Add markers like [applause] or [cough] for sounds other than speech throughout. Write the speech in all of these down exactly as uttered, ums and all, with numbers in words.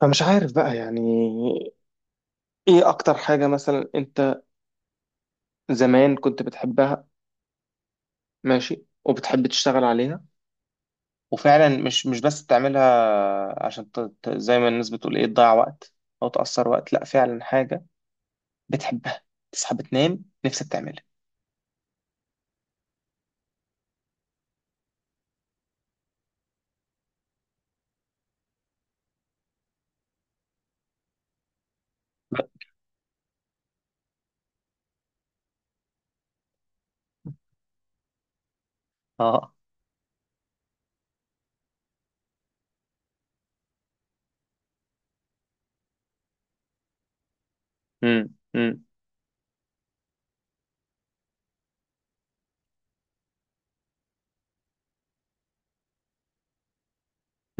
فمش عارف بقى يعني. ايه اكتر حاجة مثلا انت زمان كنت بتحبها؟ ماشي، وبتحب تشتغل عليها، وفعلا مش مش بس تعملها عشان ت... ت- زي ما الناس بتقول ايه تضيع وقت او تأثر وقت، لا فعلا حاجة بتحبها، تصحى بتنام نفسك تعملها. اه. امم. امم.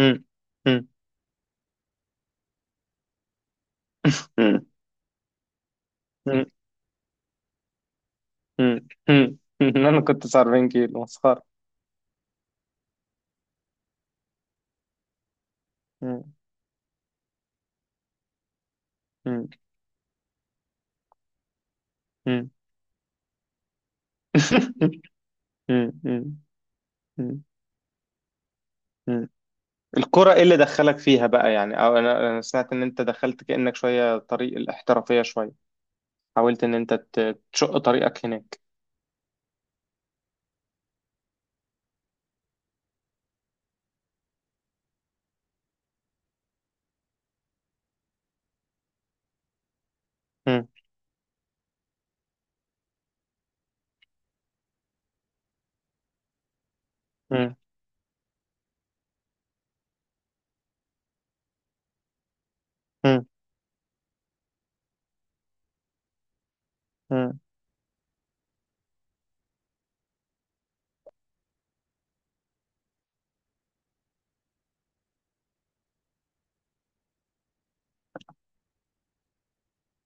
امم. امم. امم. امم. امم. امم. امم. [laughs] انا كنت أربعين كيلو مسخرة. امم. امم. امم. [laughs] امم. امم. امم. [laughs] الكرة ايه اللي دخلك فيها بقى يعني؟ او انا أنا سمعت ان انت دخلت كأنك شوية طريق الاحترافية، شوية حاولت ان انت ت- تشق طريقك هناك. مم. مم. مم. مم.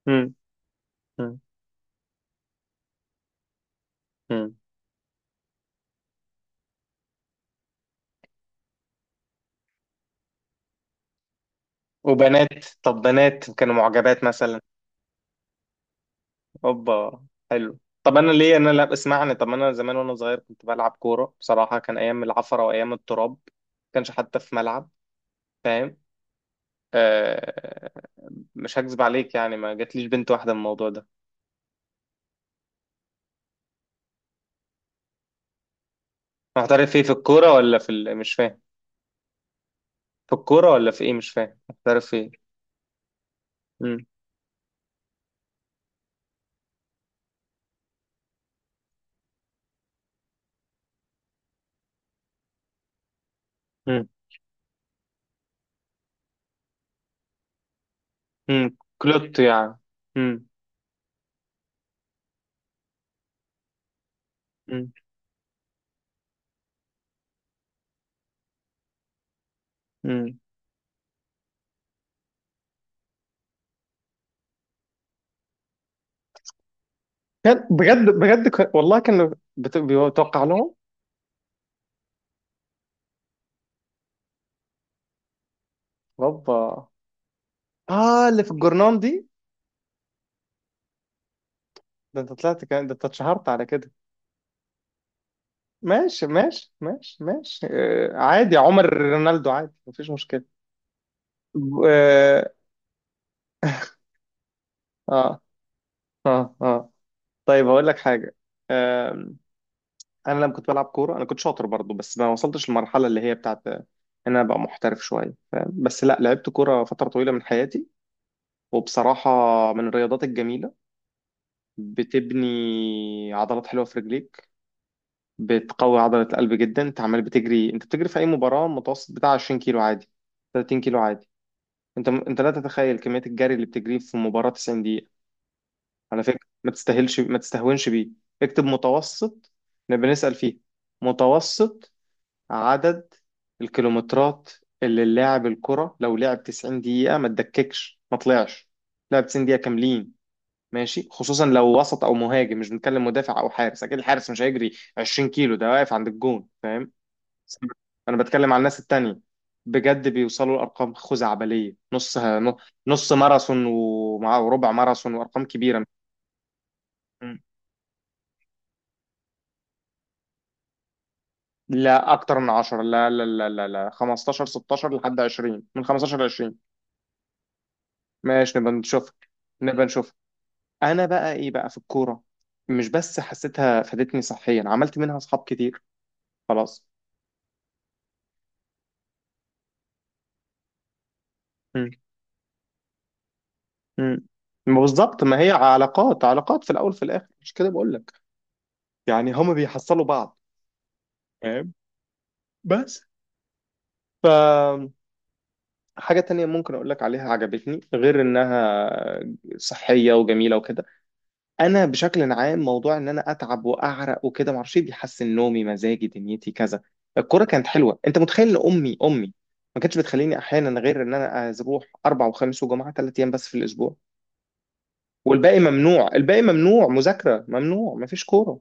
مم. مم. مم. وبنات؟ طب بنات كانوا معجبات مثلا؟ اوبا. حلو. طب انا ليه؟ انا لا اسمعني. طب انا زمان وانا صغير كنت بلعب كورة، بصراحة كان ايام العفرة وايام التراب، ما كانش حتى في ملعب، فاهم. آه. مش هكذب عليك يعني، ما جاتليش بنت واحدة من الموضوع ده. هحترف فيه في الكورة ولا في ال... مش فاهم. في الكورة ولا في ايه؟ مش فاهم هحترف فيه. مم. مم. مم. كلوت يعني. مم. مم. مم. كان بجد بجد ك... والله كانوا بت... بيتوقع لهم. ربا. اه، اللي في الجرنان دي. ده انت طلعت، كان ده انت اتشهرت على كده. ماشي ماشي ماشي ماشي آه عادي، عمر رونالدو عادي، مفيش مشكلة. ب- اه اه. اه، آه. طيب هقول لك حاجة، انا لما كنت بلعب كوره انا كنت شاطر برضو، بس ما وصلتش للمرحله اللي هي بتاعت ان انا ابقى محترف شويه، ف- بس لا لعبت كوره فتره طويله من حياتي، وبصراحه من الرياضات الجميله، بتبني عضلات حلوه في رجليك، بتقوي عضله القلب جدا. انت عمال بتجري، انت بتجري في اي مباراه متوسط بتاع عشرين كيلو عادي، تلاتين كيلو عادي. انت انت لا تتخيل كميه الجري اللي بتجريه في مباراه تسعين دقيقه. على فكره ما تستاهلش، ما تستهونش بيه. اكتب متوسط، نبقى نسال فيه. متوسط عدد الكيلومترات اللي اللاعب الكرة لو لعب تسعين دقيقة، ما تدككش ما طلعش، لعب تسعين دقيقة كاملين، ماشي، خصوصا لو وسط او مهاجم، مش بنتكلم مدافع او حارس، اكيد الحارس مش هيجري عشرين كيلو، ده واقف عند الجون، فاهم. انا بتكلم على الناس التانية، بجد بيوصلوا لارقام خزعبلية. نص نص ماراثون، ومع وربع ماراثون وارقام كبيرة. م. لا اكتر من عشرة، لا لا لا لا لا، خمستاشر ستاشر لحد عشرين، من خمستاشر ل عشرين. ماشي نبقى نشوف. نبقى نشوف. انا بقى ايه بقى في الكوره؟ مش بس حسيتها فادتني صحيا، عملت منها اصحاب كتير، خلاص. مم. مم. ما بالظبط، ما هي علاقات، علاقات في الاول في الاخر مش كده، بقول لك يعني، هما بيحصلوا بعض، فاهم. بس ف، حاجة تانية ممكن أقول لك عليها عجبتني، غير إنها صحية وجميلة وكده. انا بشكل عام موضوع ان انا اتعب واعرق وكده، ما اعرفش إيه، بيحسن نومي مزاجي دنيتي كذا. الكوره كانت حلوه، انت متخيل ان امي امي ما كانتش بتخليني احيانا، غير ان انا أز- اروح اربع وخميس وجمعه، ثلاث ايام بس في الاسبوع، والباقي ممنوع، الباقي ممنوع مذاكره، ممنوع ما فيش كوره،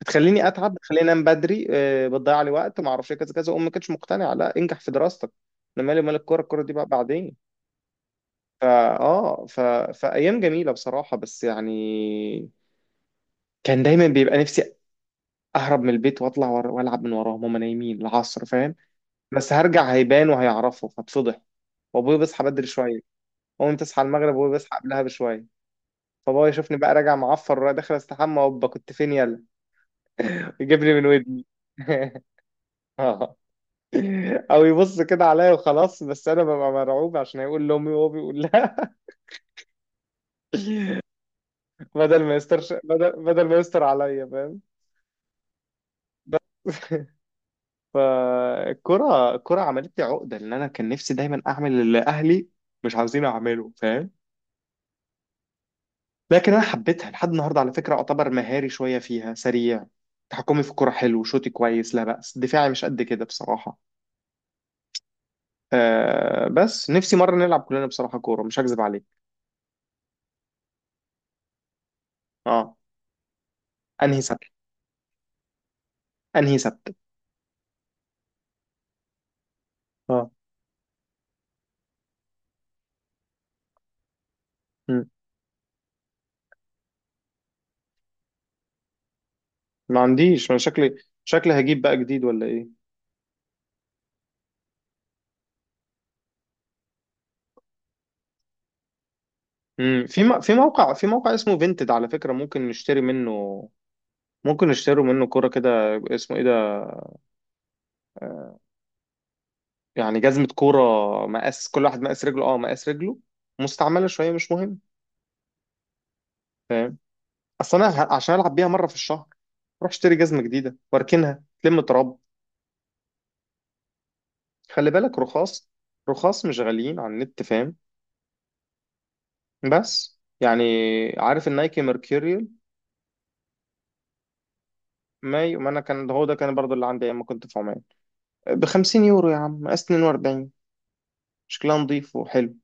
بتخليني اتعب، بتخليني انام بدري آه، بتضيع لي وقت، ما اعرفش إيه، كذا كذا، امي ما كانتش مقتنعه، لا انجح في دراستك، انا مالي مال الكوره، الكوره دي بقى بعدين. فا اه ف... فايام جميله بصراحه، بس يعني كان دايما بيبقى نفسي اهرب من البيت واطلع ور- والعب من وراهم هما نايمين العصر، فاهم. بس هرجع هيبان وهيعرفوا فاتفضح، وابويا بيصحى بدري شويه، امي تصحى المغرب وابويا بيصحى قبلها بشويه، فبابا يشوفني بقى راجع معفر ورايح داخل استحمى، وابا كنت فين يلا. [laughs] يجيبني من ودني. [laughs] اه. او يبص كده عليا وخلاص، بس انا ببقى مرعوب عشان هيقول لامي، وهو بيقول لها. [laughs] بدل ما يسترش، بدل بدل ما يستر عليا، فاهم. بس. فالكرة، الكرة عملت لي عقدة لأن أنا كان نفسي دايما أعمل اللي أهلي مش عاوزين أعمله، فاهم. لكن أنا حبيتها لحد النهاردة، على فكرة أعتبر مهاري شوية فيها سريع، تحكمي في الكرة حلو، شوتي كويس لا بأس، دفاعي مش قد كده بصراحة. آه بس نفسي مرة نلعب كلنا بصراحة كورة، مش هكذب عليك. اه. أنهي سبت؟ أنهي سبت؟ اه. مم. ما عنديش، أنا شكلي، شكلي هجيب بقى جديد ولا إيه؟ مم. في م... في موقع، في موقع اسمه فينتد على فكرة، ممكن نشتري منه، ممكن يشتروا منه كوره كده، اسمه ايه ده، يعني جزمه كوره، مقاس كل واحد مقاس رجله، اه مقاس رجله، مستعمله شويه مش مهم، فاهم. اصل انا ه- عشان العب بيها مره في الشهر، روح اشتري جزمه جديده واركنها تلم تراب. خلي بالك رخاص، رخاص مش غاليين على النت، فاهم. بس يعني، عارف النايكي ميركوريال؟ ما ي- ما انا كان هو ده كان برضو اللي عندي ايام ما كنت في عمان، ب خمسين يورو يا عم، مقاس اتنين وأربعين، شكلها نظيف وحلو.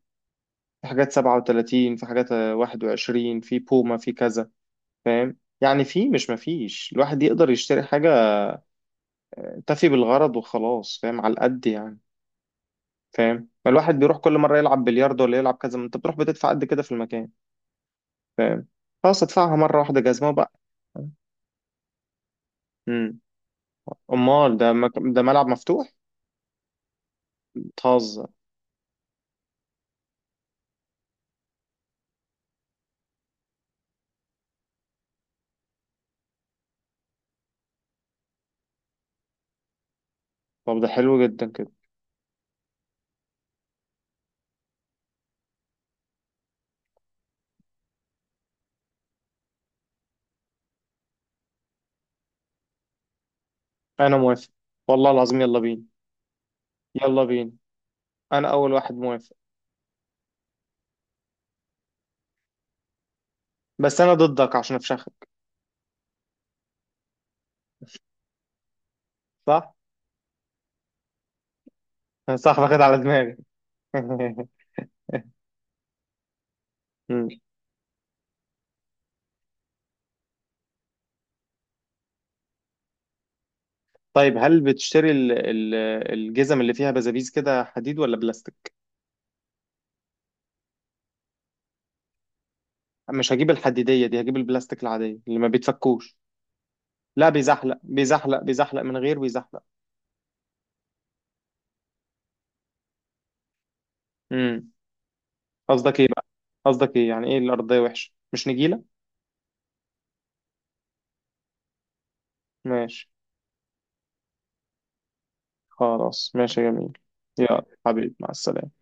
في حاجات سبعة وثلاثين، في حاجات واحد وعشرين، في بوما، في كذا، فاهم يعني. في، مش مفيش، الواحد يقدر يشتري حاجة تفي بالغرض وخلاص، فاهم، على القد يعني، فاهم. ما الواحد بيروح كل مرة يلعب بلياردو، ولا يلعب كذا، ما انت بتروح بتدفع قد كده في المكان، فاهم، خلاص ادفعها مرة واحدة جزمة بقى. امم. امال ده مك... ده ملعب مفتوح؟ بتهزر. طب ده حلو جدا كده، انا موافق، والله العظيم يلا بينا. يلا بينا انا اول واحد موافق. بس انا ضدك عشان افشخك. صح. [laughs] صح واخد على دماغي. [laughs] مم. طيب هل بتشتري ال- ال- الجزم اللي فيها بزابيز كده، حديد ولا بلاستيك؟ مش هجيب الحديدية دي، هجيب البلاستيك العادية اللي ما بيتفكوش. لا بيزحلق بيزحلق بيزحلق من غير، بيزحلق. امم. قصدك ايه بقى؟ قصدك ايه؟ يعني ايه الأرضية وحشة مش نجيلة؟ ماشي. خلاص ماشي يا جميل. يا حبيبي مع السلامة.